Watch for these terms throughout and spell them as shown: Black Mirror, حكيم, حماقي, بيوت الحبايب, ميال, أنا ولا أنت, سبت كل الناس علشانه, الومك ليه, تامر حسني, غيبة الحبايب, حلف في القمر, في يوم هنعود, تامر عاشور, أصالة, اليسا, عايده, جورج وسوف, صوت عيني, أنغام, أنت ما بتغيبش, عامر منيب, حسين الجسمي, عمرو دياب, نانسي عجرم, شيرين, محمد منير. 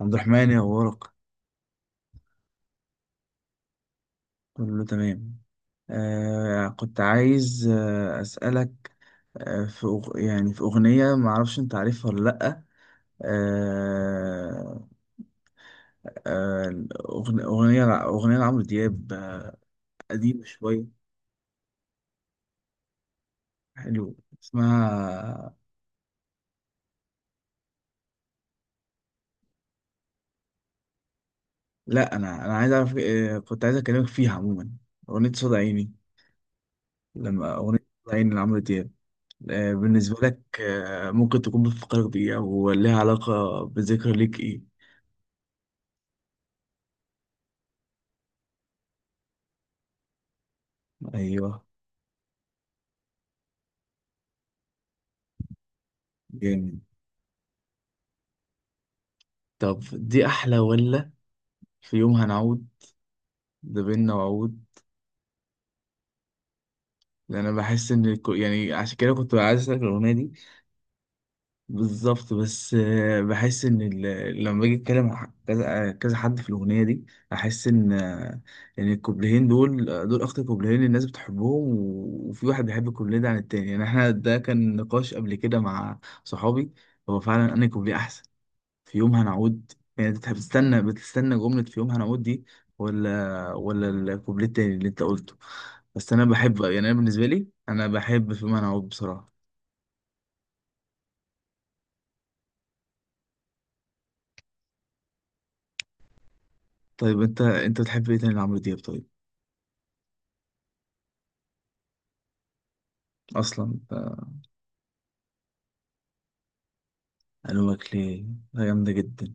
عبد الرحمن، يا أخبارك؟ كله تمام. كنت عايز أسألك. في يعني في أغنية، معرفش أنت عارفها ولا لأ؟ آه آه أغنية لعمرو دياب، قديمة شوية. حلو، اسمها. لأ، أنا عايز أعرف. كنت عايز أكلمك فيها عموما. أغنية صوت عيني. لما أغنية صوت عيني لعمرو دياب، بالنسبة لك ممكن تكون بتفكرك بإيه، أو ليها علاقة بذكرى ليك إيه؟ أيوه. جامد. طب دي احلى، ولا في يوم هنعود ده بينا وعود؟ انا بحس ان يعني عشان كده كنت عايز اسالك الاغنيه دي. بالظبط، بس بحس ان لما باجي اتكلم مع كذا، كذا حد في الاغنيه دي، احس ان ان الكوبلين دول، دول اكتر كوبلين الناس بتحبهم، وفي واحد بيحب الكوبلين ده عن التاني. يعني احنا ده كان نقاش قبل كده مع صحابي. هو فعلا انا كوبليه احسن. في يوم هنعود. يعني انت بتستنى جملة في يوم هنعود دي، ولا الكوبليه التاني اللي انت قلته؟ بس انا بحب، يعني انا بالنسبة لي انا بحب في يوم هنعود بصراحة. طيب انت بتحب ايه تاني لعمرو دياب؟ طيب. اصلا الومك ليه. ده جامدة جدا.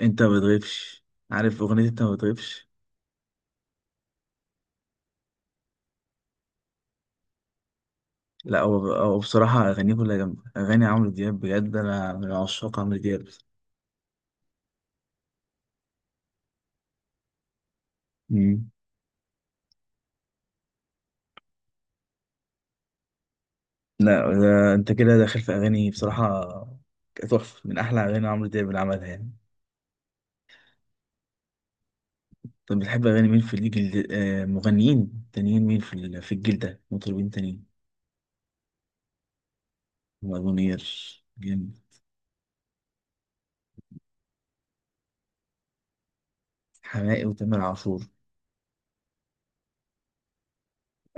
انت ما بتغيبش، عارف اغنية انت ما بتغيبش؟ لا، هو بصراحة اغانيه كلها جامدة. اغاني عمرو دياب بجد، انا من عشاق عمرو دياب. مم. لا، ده انت كده داخل في اغاني بصراحه. تحفه، من احلى اغاني عمرو دياب اللي عملها يعني. طب بتحب اغاني مين في الجيل، مغنيين تانيين مين في في الجيل ده، مطربين تانيين؟ محمد منير. جامد. حماقي وتامر عاشور.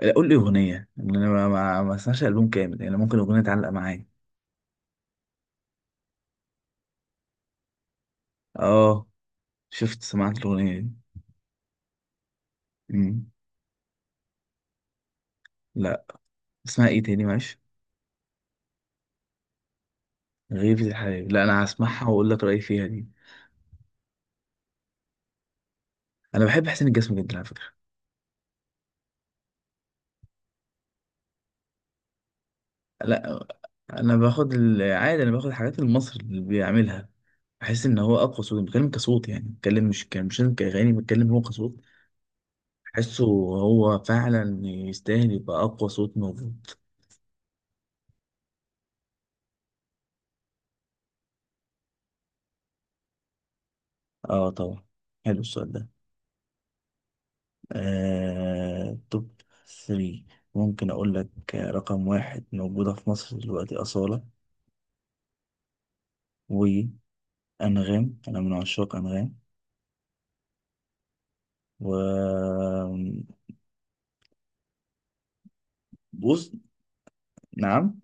لا، قول لي اغنيه. ان انا ما اسمعش البوم كامل يعني، ممكن اغنيه تعلق معايا. اه. شفت سمعت الاغنيه دي؟ مم. لا. اسمها ايه تاني، معلش؟ غيبة الحبايب، لا انا هسمعها واقول لك رايي فيها دي. انا بحب حسين الجسمي جدا على فكره. لا، انا باخد العادي، انا باخد الحاجات اللي مصر اللي بيعملها. بحس ان هو اقوى صوت، بتكلم كصوت، يعني بتكلم مش كان مش لازم كاغاني، بتكلم هو كصوت. بحسه. هو فعلا يستاهل يبقى اقوى صوت موجود. اه طبعا. حلو السؤال ده. توب 3 ممكن اقول لك. رقم واحد موجودة في مصر دلوقتي، أصالة. وأنغام، أنا من عشاق أنغام. و... بص. نعم.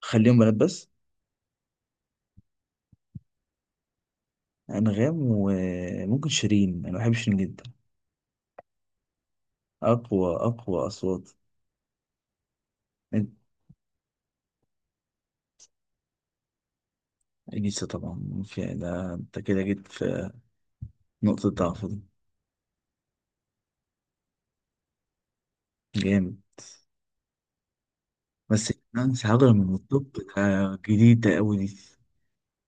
خليهم بنات بس. انغام، وممكن شيرين، انا بحب شيرين جدا. اقوى اقوى اصوات. انت اليسا طبعا، في ده انت كده جيت في نقطة ضعف دي. جامد. بس نانسي عجرم من الطب ده، جديد ده، قوي دي.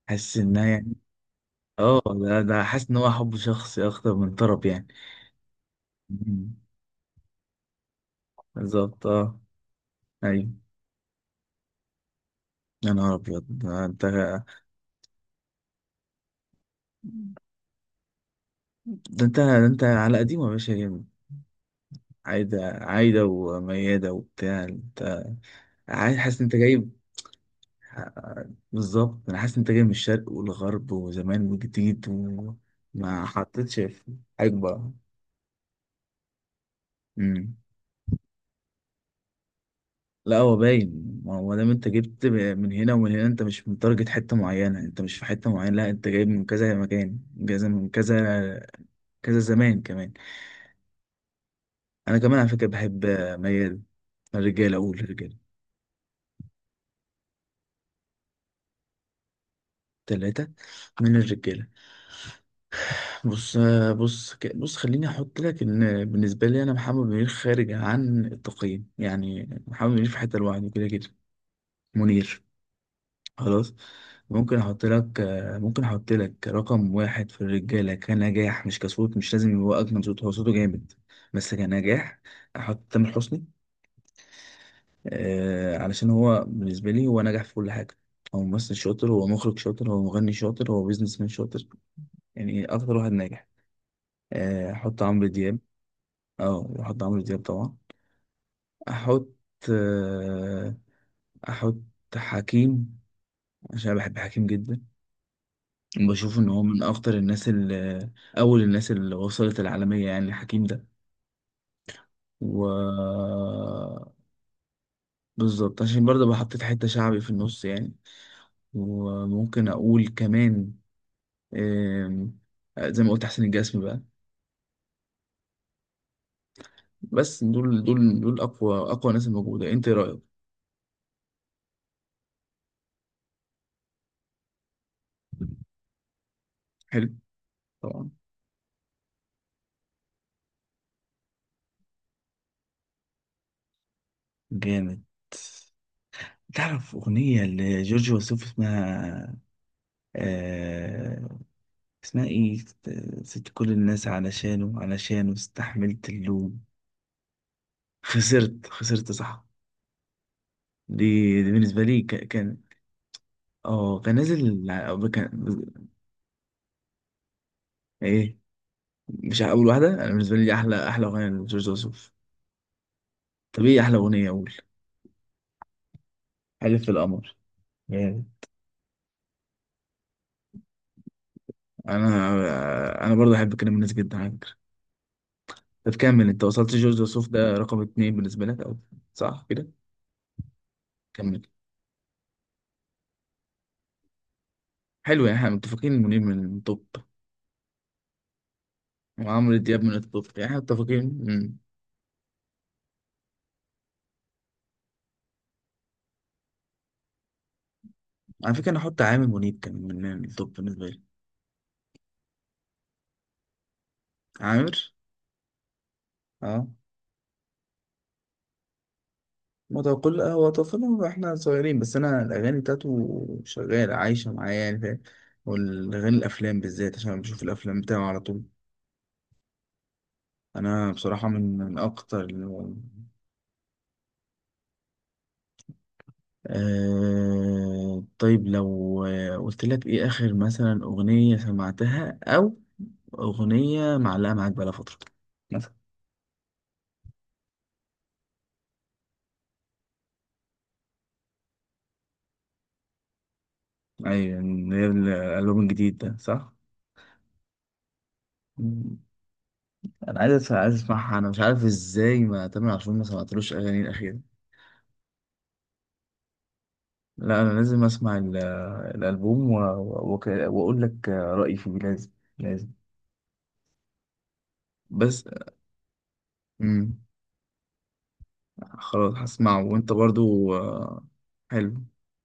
حاسس انها يعني. اه، ده حاسس ان هو حب شخصي اكتر من طرب يعني. مم. بالظبط اه. ايوه. يا نهار ابيض، ده انت على قديمه يا باشا. جامد. عايده، عايده ومياده وبتاع انت. عايز، حاسس ان انت جايب. بالظبط، انا حاسس انت جاي من الشرق والغرب وزمان وجديد، وما حطيتش في حقبه. امم لا هو باين، ما هو دام انت جبت من هنا ومن هنا، انت مش متارجت حته معينه، انت مش في حته معينه، لا انت جايب من كذا مكان، من كذا من كذا. كذا زمان كمان. انا كمان على فكره بحب ميال. الرجاله، اقول الرجاله. ثلاثه من الرجاله. بص بص بص خليني احط لك ان بالنسبه لي، انا محمد منير خارج عن التقييم، يعني محمد منير في حته لوحده كده كده. منير. خلاص. ممكن احط لك ممكن احط لك رقم واحد في الرجاله كنجاح مش كصوت، مش لازم يبقى اجمل صوت، هو صوته جامد بس كنجاح، احط تامر حسني. علشان هو بالنسبه لي هو نجح في كل حاجه. هو ممثل شاطر، هو مخرج شاطر، هو مغني شاطر، هو بيزنس مان شاطر. يعني اكتر واحد ناجح. احط عمرو دياب. اه، واحط عمرو دياب طبعا. احط آه، احط حكيم، عشان أنا بحب حكيم جدا. بشوف ان هو من اخطر الناس اللي اول الناس اللي وصلت العالمية، يعني حكيم ده. و... بالظبط، عشان برضه بحطيت حتة شعبي في النص يعني. وممكن اقول كمان آم، زي ما قلت حسين الجسمي بقى. بس دول اقوى اقوى ناس الموجودة. انت إيه رأيك؟ حلو. طبعا. جامد. تعرف أغنية لجورج وسوف اسمها؟ آه اسمها إيه؟ سبت كل الناس علشانه، علشانه استحملت اللوم. خسرت خسرت، صح. دي, دي بالنسبة لي كان. اه كان نازل كان. إيه؟ مش أول واحدة. أنا بالنسبة لي أحلى أحلى أغنية لجورج وسوف. طب إيه أحلى أغنية، أقول؟ حلف في القمر يعني. أنا أنا برضه أحب كلام الناس جدا على فكرة. طب كمل، أنت وصلت جورج وسوف ده رقم اتنين بالنسبة لك، أو صح كده؟ كمل. حلو، يعني احنا متفقين. منيب من الطب، وعمرو دياب من الطب، يعني احنا متفقين. مم. على فكرة انا احط عامر منيب كان من الطب بالنسبة لي. عامر. اه، ما هو كل هو طفلنا واحنا صغيرين، بس انا الاغاني بتاعته شغالة عايشة معايا، يعني فاهم. والاغاني الافلام بالذات، عشان أنا بشوف الافلام بتاعه على طول. انا بصراحة من اكتر طيب لو قلت لك ايه اخر مثلا اغنية سمعتها، او اغنية معلقة معاك بقالها فترة؟ ايوه، اللي هي الالبوم الجديد ده صح. مم. عايز اسمعها، انا مش عارف ازاي ما تامر عاشور ما سمعتلوش اغاني الاخيره. لا انا لازم اسمع الالبوم واقول لك رايي فيه. لازم لازم. بس مم. خلاص هسمعه، وانت برضو حلو.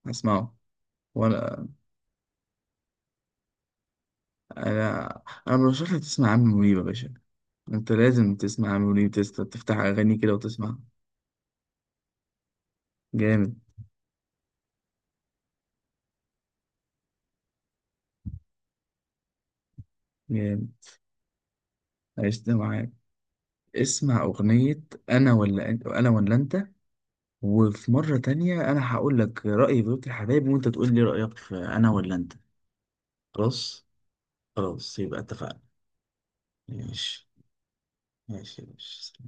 هسمعه. وانا انا انا برشح لك تسمع عم منيب يا باشا. انت لازم تسمع عم منيب تفتح اغاني كده وتسمع. جامد. جامد. عشت معاه. اسمع أغنية أنا ولا أنت، أنا ولا أنت. وفي مرة تانية أنا هقول لك رأيي في بيوت الحبايب، وأنت تقول لي رأيك في أنا ولا أنت. خلاص. خلاص يبقى اتفقنا. ماشي ماشي ماشي.